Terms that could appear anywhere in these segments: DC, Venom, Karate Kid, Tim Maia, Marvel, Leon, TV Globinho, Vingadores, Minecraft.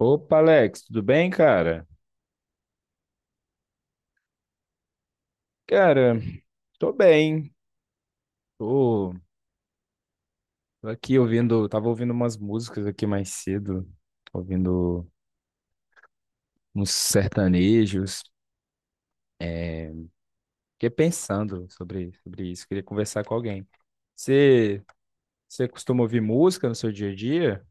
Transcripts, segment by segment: Opa, Alex, tudo bem, cara? Cara, tô bem. Tô tô aqui ouvindo, tava ouvindo umas músicas aqui mais cedo, ouvindo uns sertanejos. É, fiquei pensando sobre isso, queria conversar com alguém. Você, Você costuma ouvir música no seu dia a dia?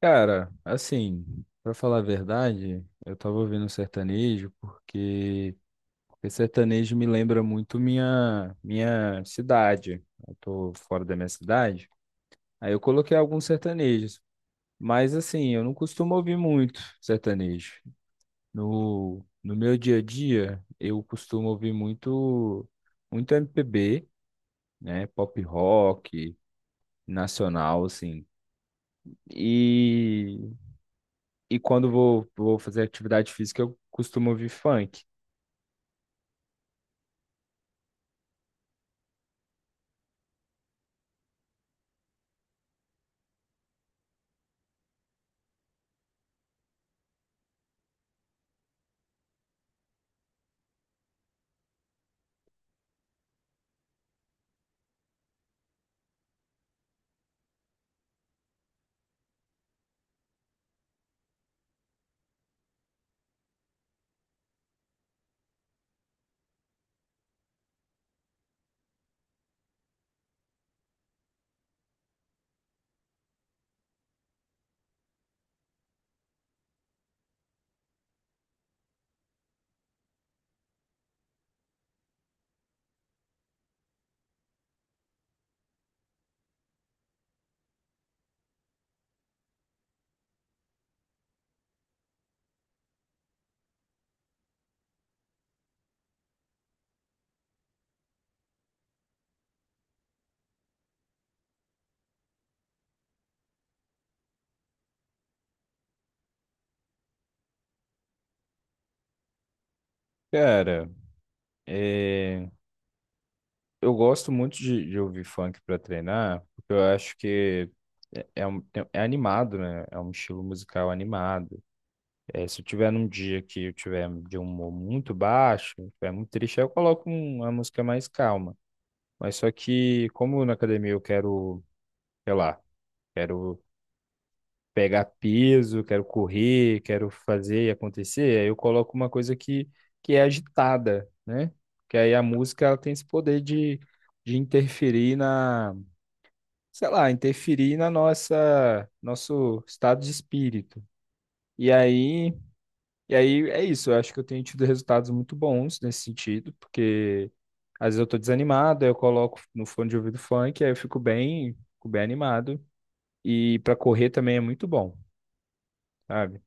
Cara, assim, pra falar a verdade, eu tava ouvindo um sertanejo porque sertanejo me lembra muito minha cidade. Eu tô fora da minha cidade. Aí eu coloquei alguns sertanejos. Mas assim, eu não costumo ouvir muito sertanejo. No meu dia a dia, eu costumo ouvir muito MPB, né? Pop rock, nacional, assim. E, e quando vou fazer atividade física, eu costumo ouvir funk. Cara, é, eu gosto muito de ouvir funk para treinar, porque eu acho que é animado, né? É um estilo musical animado. É, se eu tiver num dia que eu tiver de um humor muito baixo, tiver muito triste, aí eu coloco uma música mais calma. Mas só que, como na academia eu quero, sei lá, quero pegar peso, quero correr, quero fazer e acontecer, aí eu coloco uma coisa que é agitada, né? Que aí a música ela tem esse poder de interferir na, sei lá, interferir na nosso estado de espírito. E aí. E aí é isso, eu acho que eu tenho tido resultados muito bons nesse sentido, porque às vezes eu tô desanimado, aí eu coloco no fone de ouvido funk, aí eu fico fico bem animado. E para correr também é muito bom, sabe?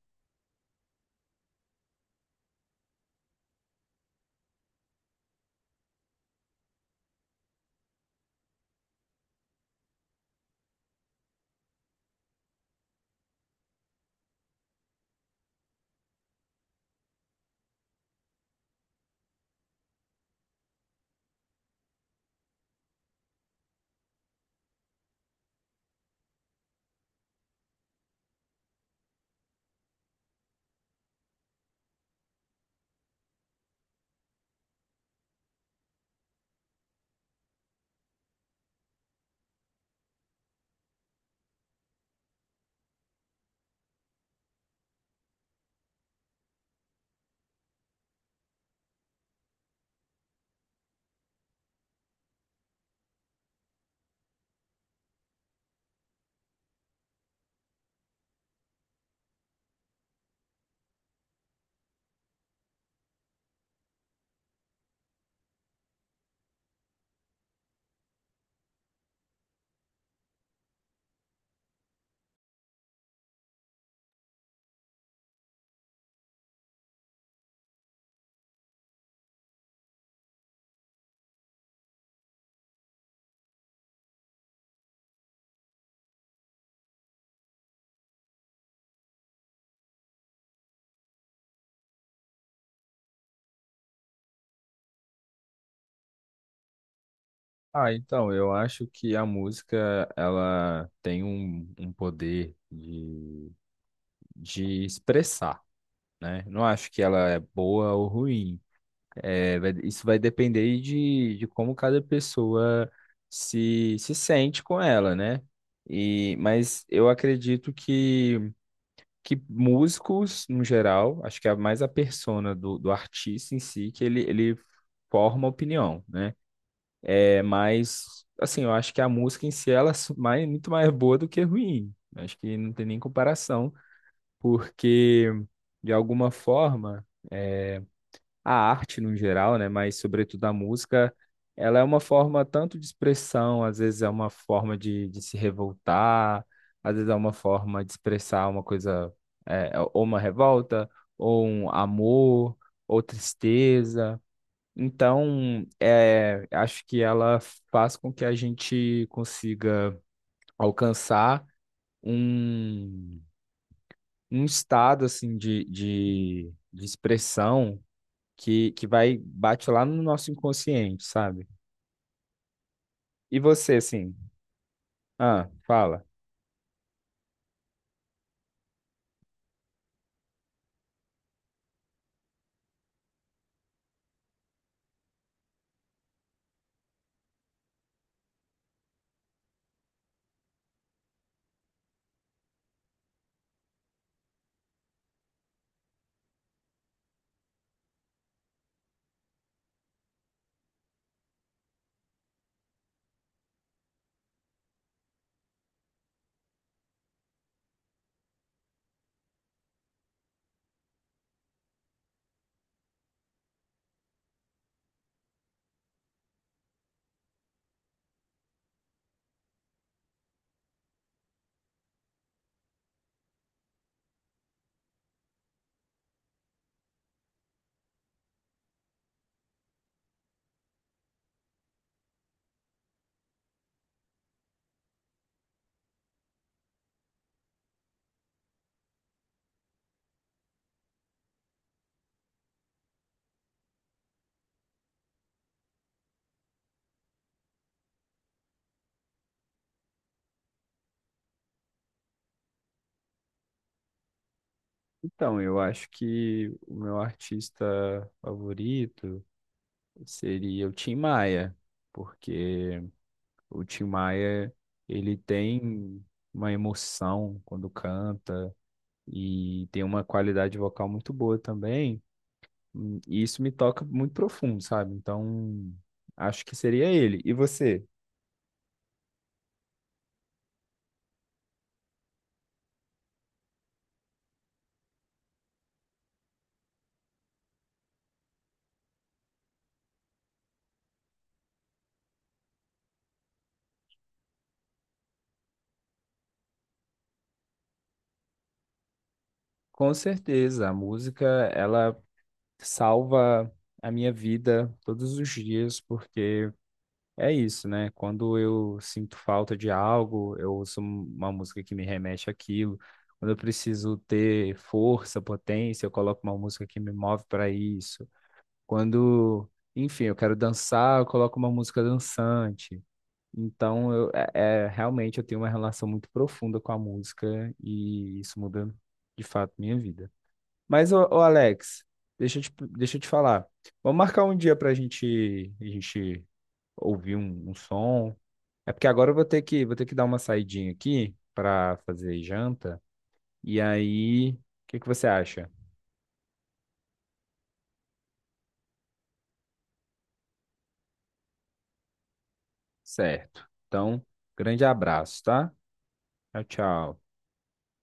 Ah, então, eu acho que a música, ela tem um poder de expressar, né? Não acho que ela é boa ou ruim. É, isso vai depender de como cada pessoa se sente com ela, né? E, mas eu acredito que músicos, no geral, acho que é mais a persona do artista em si, que ele forma opinião, né? É, mas, assim, eu acho que a música em si, ela é muito mais boa do que ruim. Acho que não tem nem comparação, porque, de alguma forma, é, a arte no geral, né, mas sobretudo a música, ela é uma forma tanto de expressão, às vezes é uma forma de se revoltar, às vezes é uma forma de expressar uma coisa, ou uma revolta, ou um amor, ou tristeza. Então, é, acho que ela faz com que a gente consiga alcançar um, um estado assim de expressão que vai, bate lá no nosso inconsciente, sabe? E você, assim? Ah, fala. Então, eu acho que o meu artista favorito seria o Tim Maia, porque o Tim Maia, ele tem uma emoção quando canta e tem uma qualidade vocal muito boa também, e isso me toca muito profundo, sabe? Então, acho que seria ele. E você? Com certeza, a música, ela salva a minha vida todos os dias, porque é isso, né? Quando eu sinto falta de algo, eu ouço uma música que me remete àquilo. Quando eu preciso ter força, potência, eu coloco uma música que me move para isso. Quando, enfim, eu quero dançar, eu coloco uma música dançante. Então, eu, é, realmente eu tenho uma relação muito profunda com a música e isso muda de fato minha vida. Mas, Alex, deixa eu te falar. Vamos marcar um dia pra gente, a gente ouvir um som. É porque agora eu vou ter vou ter que dar uma saidinha aqui pra fazer janta. E aí, o que que você acha? Certo. Então, grande abraço, tá? Tchau, tchau.